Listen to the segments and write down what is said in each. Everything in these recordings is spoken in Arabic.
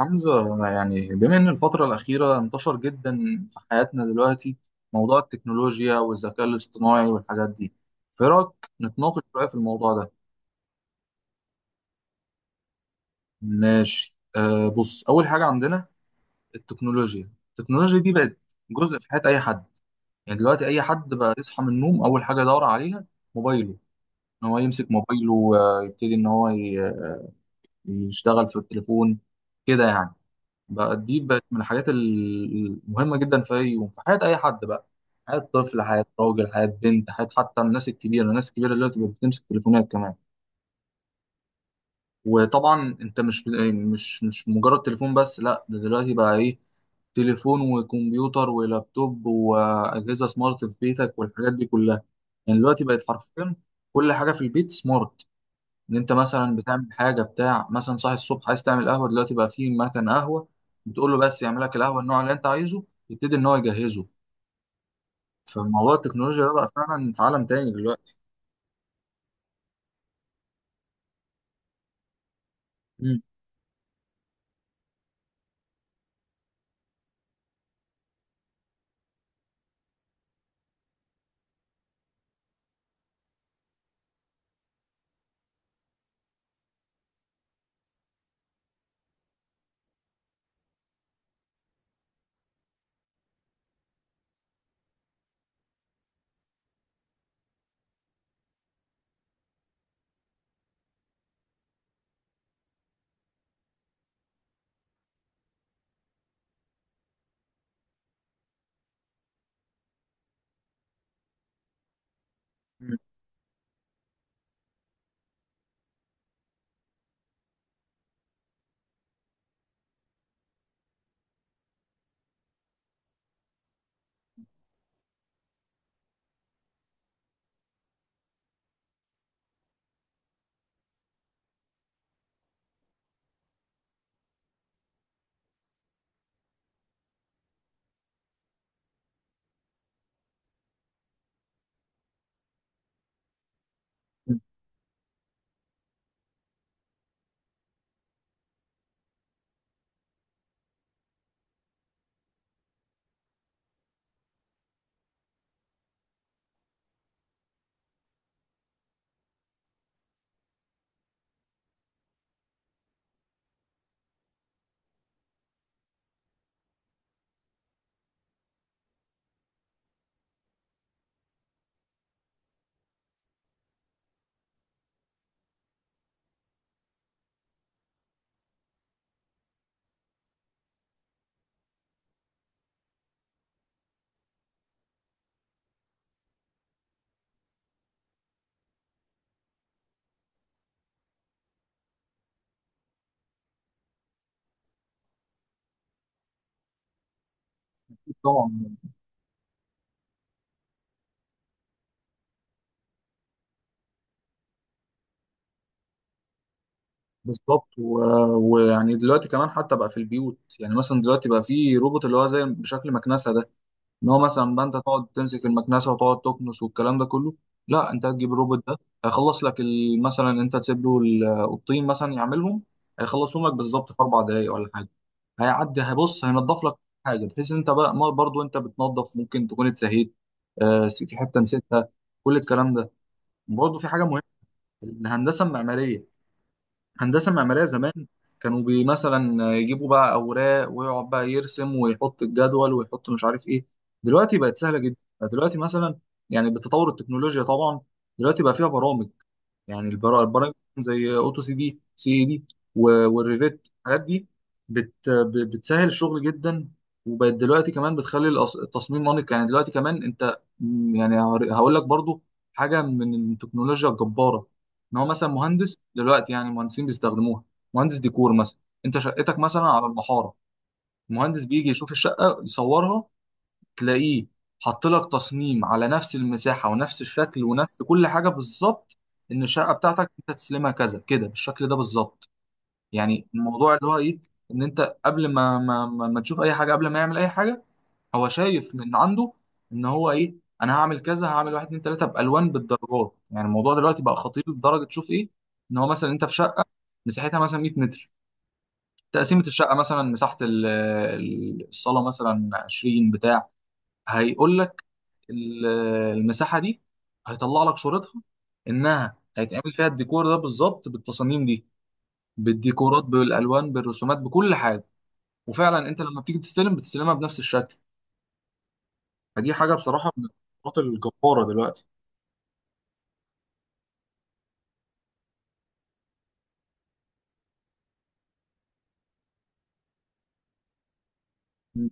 حمزة، يعني بما إن الفترة الأخيرة انتشر جدا في حياتنا دلوقتي موضوع التكنولوجيا والذكاء الاصطناعي والحاجات دي، فإيه رأيك نتناقش شوية في الموضوع ده؟ ماشي، آه بص أول حاجة عندنا التكنولوجيا دي بقت جزء في حياة أي حد، يعني دلوقتي أي حد بقى يصحى من النوم أول حاجة يدور عليها موبايله، إن هو يمسك موبايله ويبتدي يشتغل في التليفون كده يعني. بقى دي بقت من المهمة جدا في أي يوم في حياة أي حد، بقى حياة طفل، حياة راجل، حياة بنت، حياة حتى الناس الكبيرة اللي بتبقى بتمسك تليفونات كمان. وطبعا أنت مش مجرد تليفون بس، لا ده دلوقتي بقى إيه، تليفون وكمبيوتر ولابتوب وأجهزة سمارت في بيتك والحاجات دي كلها. يعني دلوقتي بقت حرفيا كل حاجة في البيت سمارت. ان انت مثلا بتعمل حاجه بتاع، مثلا صاحي الصبح عايز تعمل قهوه، دلوقتي بقى في مكان قهوه بتقول له بس يعمل لك القهوه النوع اللي انت عايزه، يبتدي ان هو يجهزه. فموضوع التكنولوجيا ده بقى فعلا في عالم تاني دلوقتي. مم. مم. مم. طبعا. بالظبط. و... ويعني دلوقتي كمان حتى بقى في البيوت، يعني مثلا دلوقتي بقى في روبوت اللي هو زي بشكل مكنسه ده. ان هو مثلا بقى انت تقعد تمسك المكنسه وتقعد تكنس والكلام ده كله، لا انت هتجيب الروبوت ده هيخلص لك مثلا انت تسيب له الطين مثلا يعملهم، هيخلصهم لك بالظبط في اربع دقائق ولا حاجه. هيعدي هيبص هينضف لك حاجه، بحيث ان انت بقى برضو انت بتنضف ممكن تكون اتسهيت، آه، في حته نسيتها، كل الكلام ده. برضو في حاجه مهمه، الهندسه المعماريه. هندسة معمارية زمان كانوا بي مثلا يجيبوا بقى أوراق ويقعد بقى يرسم ويحط الجدول ويحط مش عارف إيه. دلوقتي بقت سهلة جدا. دلوقتي مثلا، يعني بتطور التكنولوجيا طبعا، دلوقتي بقى فيها برامج. يعني البرامج زي أوتو سي دي سي إي دي و- والريفيت، الحاجات دي بتسهل الشغل جدا. وبقت دلوقتي كمان بتخلي التصميم انيق. يعني دلوقتي كمان أنت م، يعني هقول لك برضو حاجة من التكنولوجيا الجبارة، ان هو مثلا مهندس دلوقتي، يعني المهندسين بيستخدموها. مهندس ديكور مثلا، انت شقتك مثلا على المحاره، المهندس بيجي يشوف الشقه يصورها، تلاقيه حط لك تصميم على نفس المساحه ونفس الشكل ونفس كل حاجه بالظبط، ان الشقه بتاعتك انت تسلمها كذا كده بالشكل ده بالظبط. يعني الموضوع اللي هو ايه، ان انت قبل ما تشوف اي حاجه، قبل ما يعمل اي حاجه هو شايف من عنده، ان هو ايه، انا هعمل كذا، هعمل واحد اتنين تلاته بالوان بالدرجات. يعني الموضوع دلوقتي بقى خطير لدرجه تشوف ايه، ان هو مثلا انت في شقه مساحتها مثلا 100 متر، تقسيمه الشقه مثلا مساحه الصاله مثلا 20 بتاع، هيقول لك ال- المساحه دي هيطلع لك صورتها انها هيتعمل فيها الديكور ده بالظبط، بالتصاميم دي، بالديكورات، بالالوان، بالرسومات، بكل حاجه. وفعلا انت لما بتيجي تستلم بتستلمها بنفس الشكل. فدي حاجه بصراحه من الخطوات الجباره دلوقتي. م.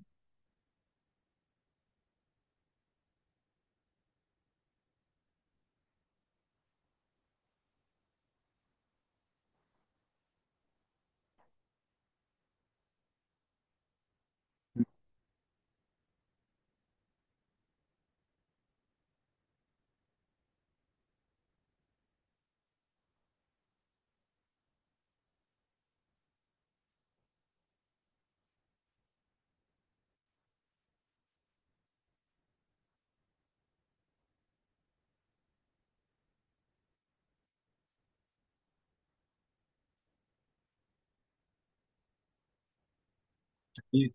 اكيد.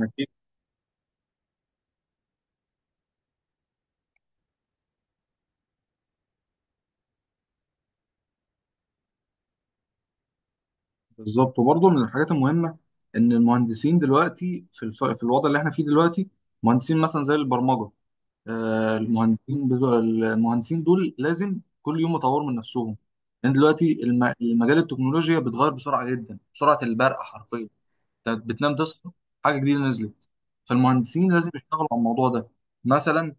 اكيد. بالظبط. وبرضه من الحاجات المهمه ان المهندسين دلوقتي في في الوضع اللي احنا فيه دلوقتي، مهندسين مثلا زي البرمجه، آه المهندسين بتوع المهندسين دول لازم كل يوم يطوروا من نفسهم. لان دلوقتي المجال التكنولوجيا بيتغير بسرعه جدا، بسرعه البرق حرفيا. انت بتنام تصحى حاجه جديده نزلت. فالمهندسين لازم يشتغلوا على الموضوع ده مثلا.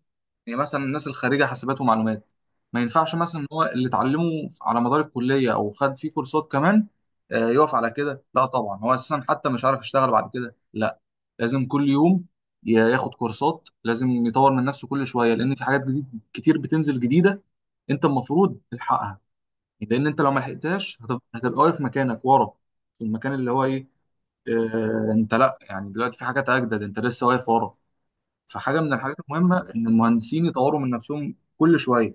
يعني مثلا الناس الخريجه حاسبات ومعلومات، ما ينفعش مثلا ان هو اللي اتعلمه على مدار الكليه او خد فيه كورسات كمان، آه، يقف على كده، لا طبعا هو اساسا حتى مش عارف يشتغل بعد كده، لا لازم كل يوم ياخد كورسات، لازم يطور من نفسه كل شويه لان في حاجات جديد كتير بتنزل جديده، انت المفروض تلحقها. يعني لان انت لو ما لحقتهاش هتبقى واقف مكانك ورا، في المكان اللي هو ايه، آه، انت لا، يعني دلوقتي في حاجات اجدد انت لسه واقف ورا. فحاجه من الحاجات المهمه ان المهندسين يطوروا من نفسهم كل شويه.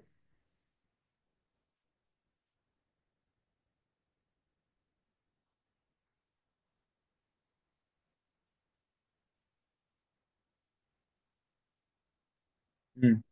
مم.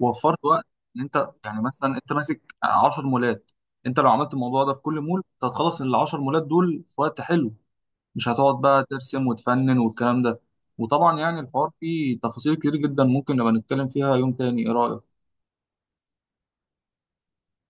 وفرت وقت. ان انت يعني مثلا انت ماسك 10 مولات، انت لو عملت الموضوع ده في كل مول انت هتخلص ال 10 مولات دول في وقت حلو، مش هتقعد بقى ترسم وتفنن والكلام ده. وطبعا يعني الحوار فيه تفاصيل كتير جدا ممكن نبقى نتكلم فيها يوم تاني، ايه رايك؟